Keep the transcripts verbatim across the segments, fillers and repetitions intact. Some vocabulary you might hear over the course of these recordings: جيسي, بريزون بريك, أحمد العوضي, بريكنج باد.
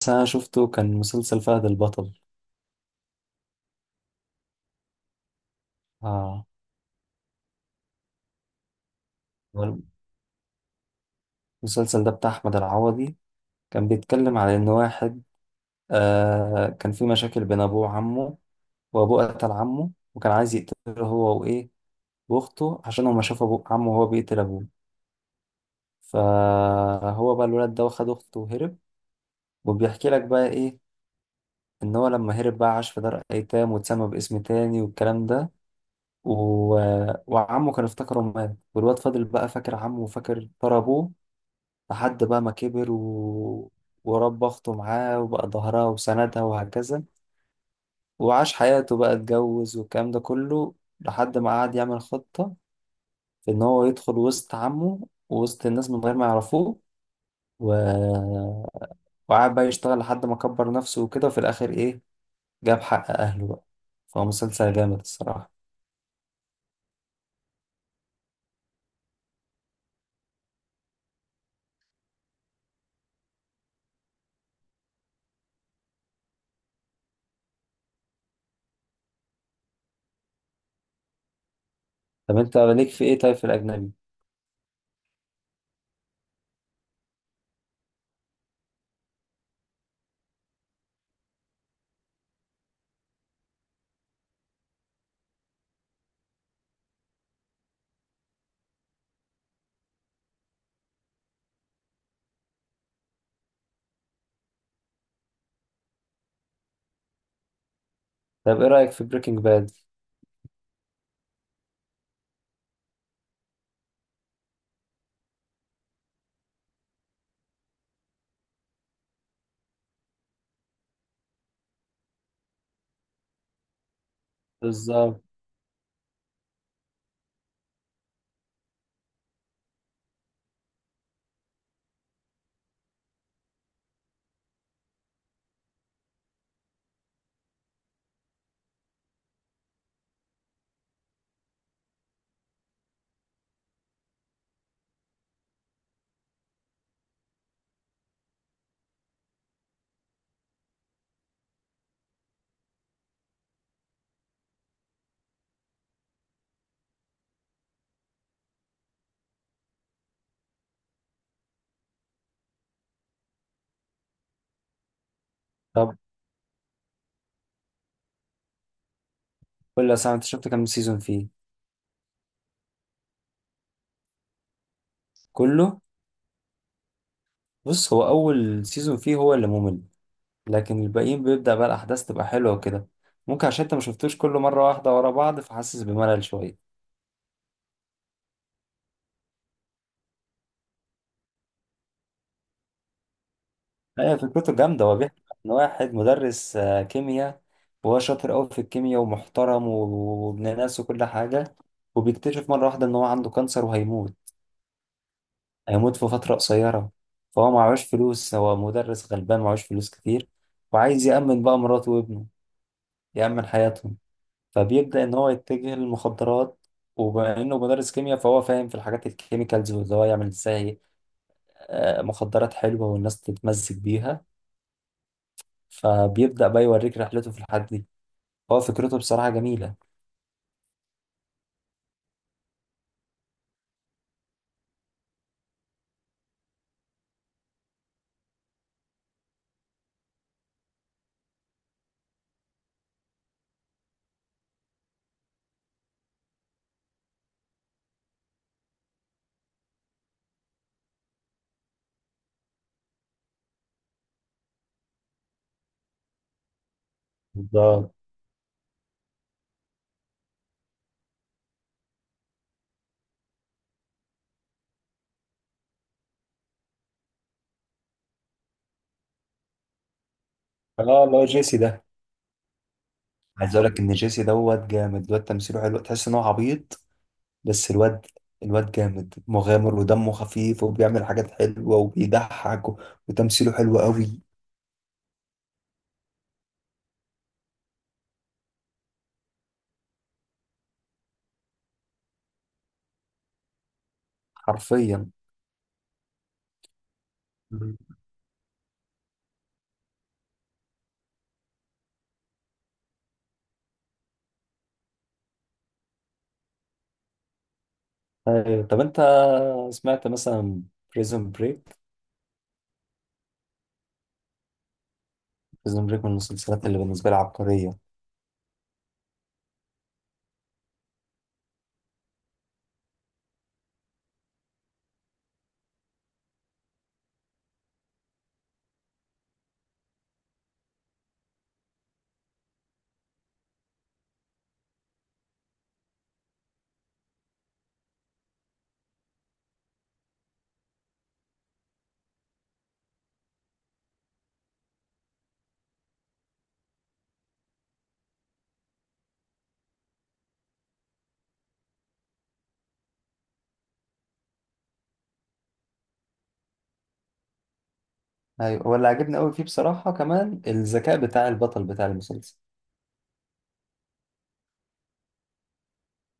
بس أنا شفته كان مسلسل فهد البطل. آه. هو المسلسل ده بتاع أحمد العوضي، كان بيتكلم على إن واحد، آه كان في مشاكل بين أبوه وعمه، وأبوه قتل عمه وكان عايز يقتله هو وإيه وأخته، عشان هو ما شاف أبوه عمه وهو بيقتل أبوه. فهو بقى الولد ده واخد أخته وهرب، وبيحكي لك بقى إيه، إن هو لما هرب بقى عاش في دار أيتام واتسمى باسم تاني والكلام ده. و... وعمه كان افتكره مات، والواد فضل بقى فاكر عمه وفاكر ترى أبوه، لحد بقى ما كبر و... ورب أخته معاه وبقى ظهرها وسندها وهكذا. وعاش حياته بقى، اتجوز والكلام ده كله، لحد ما قعد يعمل خطة في إن هو يدخل وسط عمه ووسط الناس من غير ما يعرفوه. و... وقعد بقى يشتغل لحد ما كبر نفسه وكده، وفي الآخر إيه، جاب حق أهله بقى. فهو مسلسل جامد الصراحة. طب أنت ليك في إيه طيب في الأجنبي؟ طب إيه رأيك في بريكنج باد؟ بالظبط. طب قول لي يا سامي، أنت شفت كام سيزون فيه؟ كله؟ بص هو اول سيزون فيه هو اللي ممل، لكن الباقيين بيبدأ بقى الاحداث تبقى حلوة وكده. ممكن عشان انت ما شفتوش كل مرة واحدة ورا بعض، فحاسس بملل شوية. هي فكرته جامدة، هو بيحكي عن واحد مدرس آه، كيمياء، وهو شاطر قوي في الكيمياء ومحترم و- وابن ناس وكل حاجة. وبيكتشف مرة واحدة ان هو عنده كانسر وهيموت. هيموت في فترة قصيرة. فهو معهوش فلوس، هو مدرس غلبان معهوش فلوس كتير، وعايز يأمن بقى مراته وابنه، يأمن حياتهم. فبيبدأ إن هو يتجه للمخدرات، وبما إنه مدرس كيمياء فهو فاهم في الحاجات الكيميكالز واللي هو يعمل إزاي، آه، مخدرات حلوة والناس تتمزج بيها. فبيبدأ بقى يوريك رحلته في الحد دي. هو فكرته بصراحة جميلة. بالظبط. اه، اللي هو جيسي ده. عايز اقول لك ان جيسي دوت جامد، الواد تمثيله حلو، تحس ان هو عبيط. بس الواد الواد جامد مغامر ودمه خفيف وبيعمل حاجات حلوة وبيضحك و- وتمثيله حلو قوي. حرفيا. ايوه. طب انت سمعت مثلا بريزون بريك؟ بريزون بريك من المسلسلات اللي بالنسبه لي عبقريه. ايوه، واللي عجبني قوي فيه بصراحه كمان الذكاء بتاع البطل بتاع المسلسل.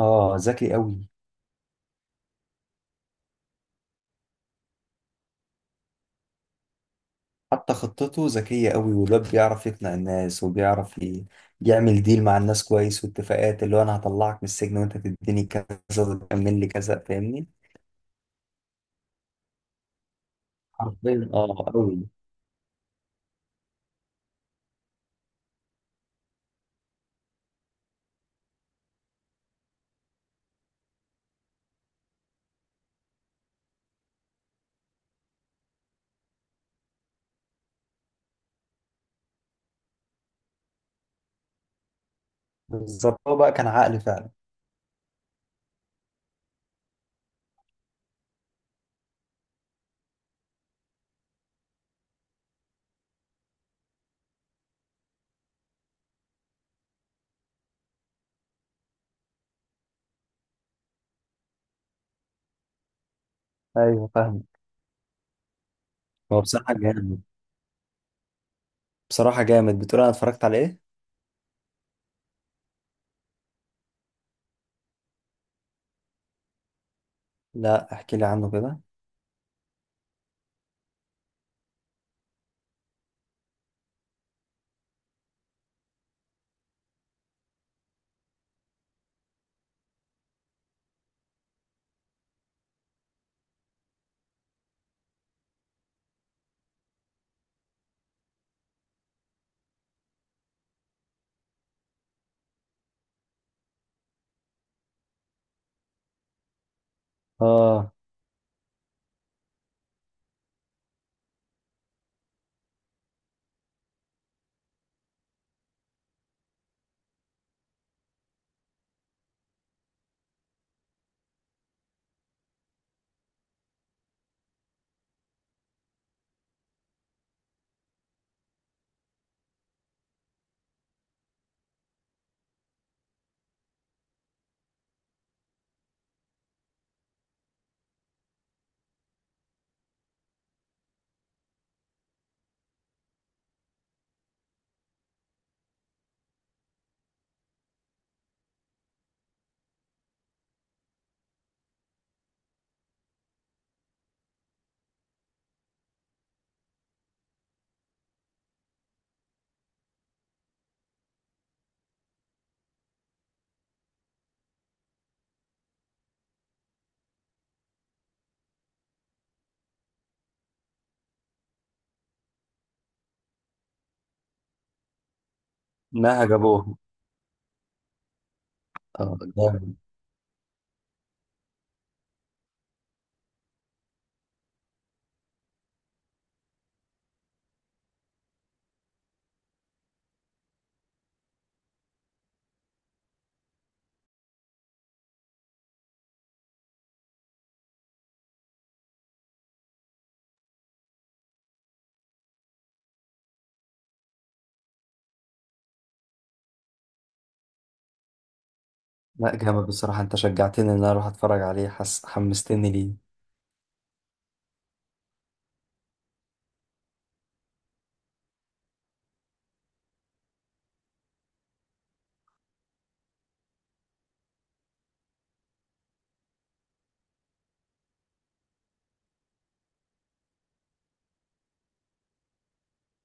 اه ذكي قوي. حتى خطته ذكيه قوي، والواد بيعرف يقنع الناس وبيعرف ي- يعمل ديل مع الناس كويس واتفاقات، اللي هو انا هطلعك من السجن وانت تديني كذا وتكمل لي كذا، فاهمني؟ حرفيا، اه قوي. بالظبط، هو بقى كان عقلي فعلا. ايوه فاهم. هو بصراحه جامد. بصراحه جامد، بتقول انا اتفرجت على ايه؟ لا احكي لي عنه كده. اه، نهج ابوه. اه جامد. لا جامد بصراحة، انت شجعتني ان انا اروح اتفرج عليه، حس حمستني ليه.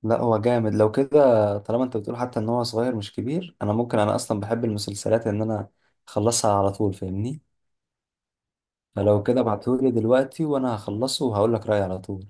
لا هو جامد. لو كده، طالما انت بتقول حتى ان هو صغير مش كبير، انا ممكن، انا اصلا بحب المسلسلات ان انا اخلصها على طول، فاهمني؟ فلو كده ابعتهولي دلوقتي وانا هخلصه وهقول لك رأيي على طول.